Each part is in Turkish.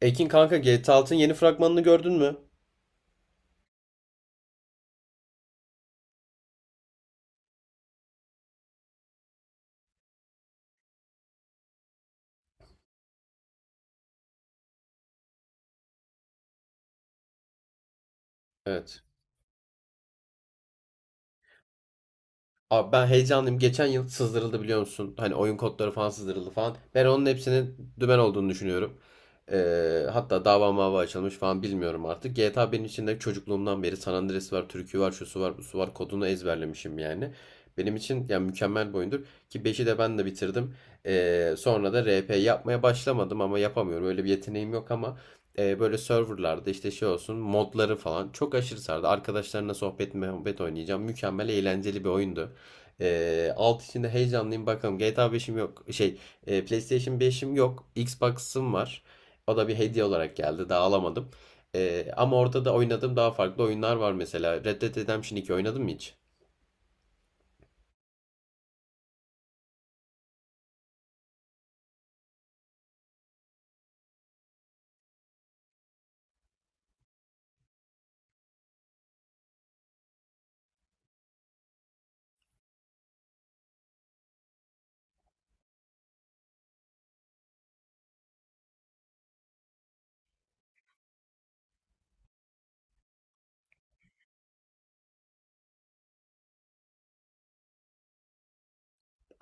Ekin kanka GTA Altın'ın yeni fragmanını gördün mü? Evet. Abi ben heyecanlıyım. Geçen yıl sızdırıldı biliyor musun? Hani oyun kodları falan sızdırıldı falan. Ben onun hepsinin dümen olduğunu düşünüyorum. Hatta dava mava açılmış falan bilmiyorum artık. GTA benim için de çocukluğumdan beri San Andreas var, türkü var, şusu var, busu var. Kodunu ezberlemişim yani. Benim için yani mükemmel bir oyundur. Ki beşi de ben de bitirdim. Sonra da RP yapmaya başlamadım ama yapamıyorum. Öyle bir yeteneğim yok ama böyle serverlarda işte şey olsun modları falan çok aşırı sardı. Arkadaşlarına sohbet muhabbet oynayacağım. Mükemmel eğlenceli bir oyundu. Alt içinde heyecanlıyım bakalım. GTA beşim yok. PlayStation beşim yok. Xbox'ım var. O da bir hediye olarak geldi. Daha alamadım. Ama orada da oynadığım daha farklı oyunlar var mesela. Red Dead Redemption 2 oynadım mı hiç?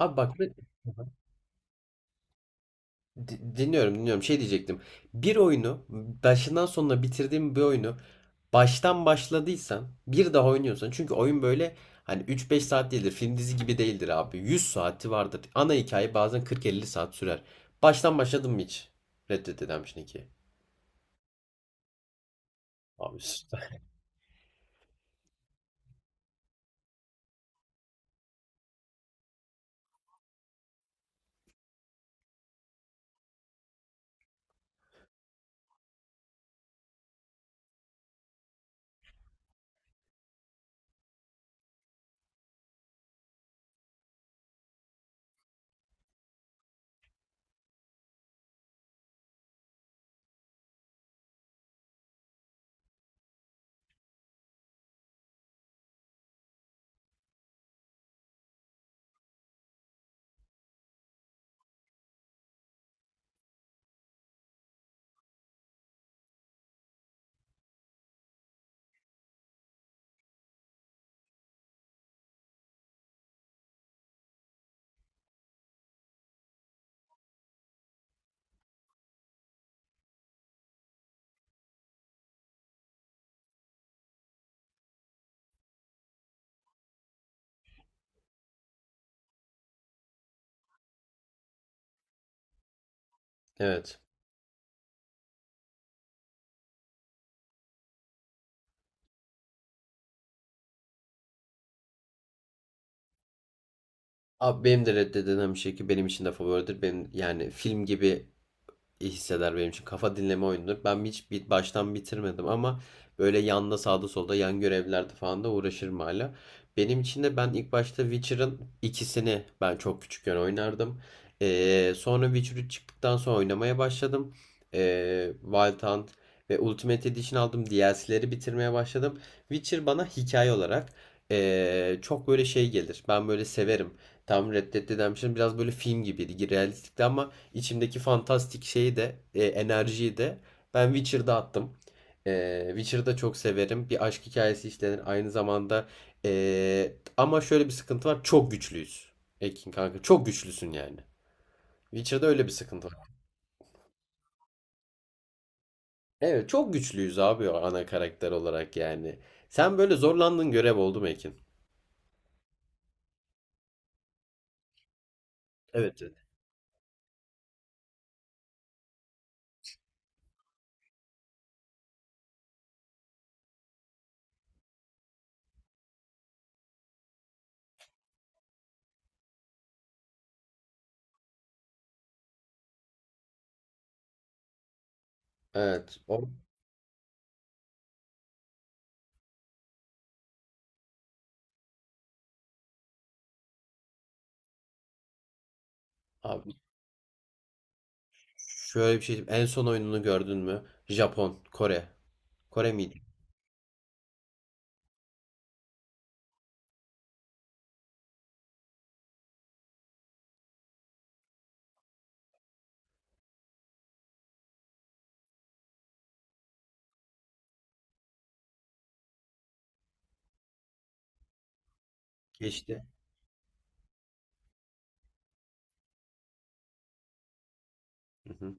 Abi bak. Dinliyorum, dinliyorum. Şey diyecektim. Bir oyunu başından sonuna bitirdiğim bir oyunu baştan başladıysan bir daha oynuyorsan çünkü oyun böyle hani üç beş saat değildir. Film dizi gibi değildir abi. 100 saati vardır. Ana hikaye bazen kırk elli saat sürer. Baştan başladın mı hiç? Red Dead Redemption 2. Abi süper. Evet. Abi benim de Red Dead Redemption 2 benim için de favoridir. Benim yani film gibi iyi hisseder benim için. Kafa dinleme oyunudur. Ben hiç bir baştan bitirmedim ama böyle yanda sağda solda yan görevlerde falan da uğraşırım hala. Benim için de ben ilk başta Witcher'ın ikisini ben çok küçükken oynardım. Sonra Witcher 3 çıktıktan sonra oynamaya başladım. Wild Hunt ve Ultimate Edition aldım. DLC'leri bitirmeye başladım. Witcher bana hikaye olarak çok böyle şey gelir. Ben böyle severim. Tam Red Dead Redemption biraz böyle film gibiydi. Realistikti ama İçimdeki fantastik şeyi de enerjiyi de ben Witcher'da attım. Witcher'da çok severim. Bir aşk hikayesi işlenir aynı zamanda. Ama şöyle bir sıkıntı var. Çok güçlüyüz. Ekin kanka çok güçlüsün yani. Witcher'da öyle bir sıkıntı var. Evet çok güçlüyüz abi o ana karakter olarak yani. Sen böyle zorlandığın görev oldu mu Ekin? Evet. Evet. Evet. O... Abi şöyle bir şey. En son oyununu gördün mü? Japon, Kore. Kore miydi? Geçti. Hı hı.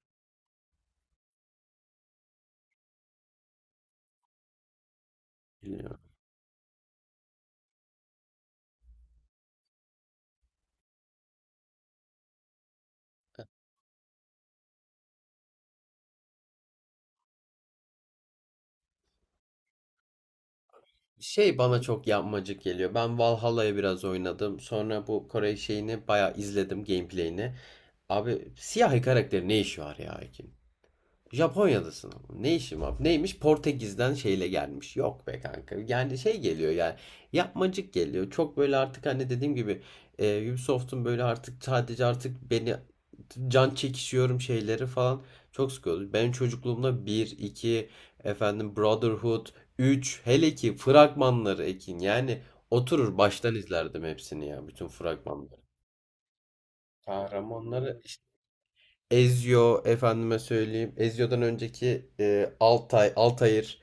Şey bana çok yapmacık geliyor. Ben Valhalla'ya biraz oynadım. Sonra bu Kore şeyini bayağı izledim gameplay'ini. Abi siyahi karakterin ne işi var ya? Japonya'dasın. Ne işim var? Neymiş? Portekiz'den şeyle gelmiş. Yok be kanka. Yani şey geliyor yani. Yapmacık geliyor. Çok böyle artık hani dediğim gibi Ubisoft'un böyle artık sadece artık beni can çekişiyorum şeyleri falan çok sıkıyordu. Benim çocukluğumda bir, 2 efendim Brotherhood, 3 hele ki fragmanları Ekin. Yani oturur baştan izlerdim hepsini ya. Bütün fragmanları. Kahramanları Ezio efendime söyleyeyim. Ezio'dan önceki Altay, Altair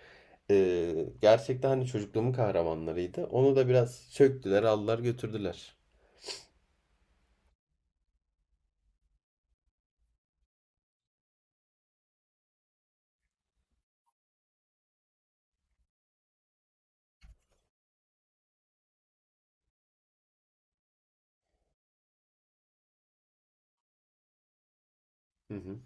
e, gerçekten hani çocukluğumun kahramanlarıydı. Onu da biraz söktüler, aldılar, götürdüler. Hı hı.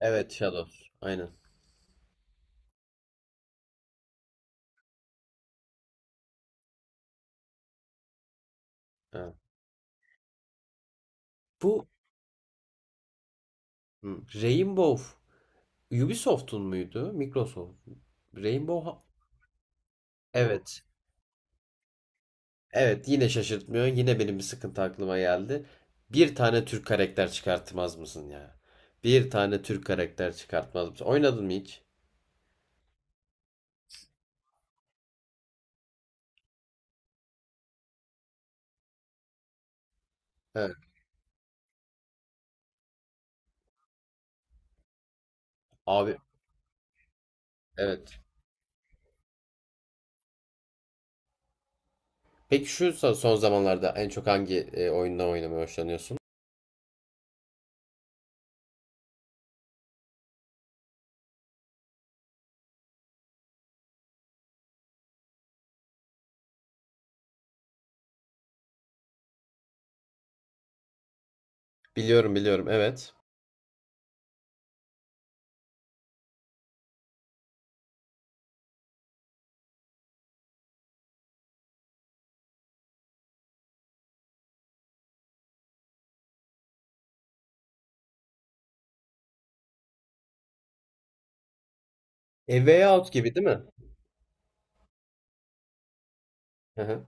Evet, Shadows. Aynen. Evet. Bu hı, Rainbow Ubisoft'un muydu? Microsoft. Rainbow ha- Evet. Evet, yine şaşırtmıyor. Yine benim bir sıkıntı aklıma geldi. Bir tane Türk karakter çıkartmaz mısın ya? Bir tane Türk karakter çıkartmaz mısın? Oynadın mı hiç? Evet. Abi evet. Peki son zamanlarda en çok hangi oyundan oynamayı hoşlanıyorsun? Biliyorum biliyorum evet. A Way Out gibi değil mi? Hı hı.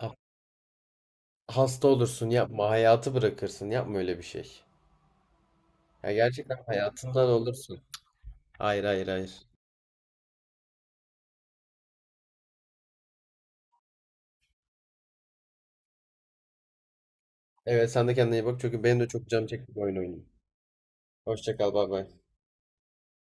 Ha- Hasta olursun yapma hayatı bırakırsın yapma öyle bir şey. Ya gerçekten hayatından olursun. Hayır hayır hayır. Evet sen de kendine iyi bak çünkü benim de çok canım çekti bu oyun oynayayım. Hoşça kal bay bay.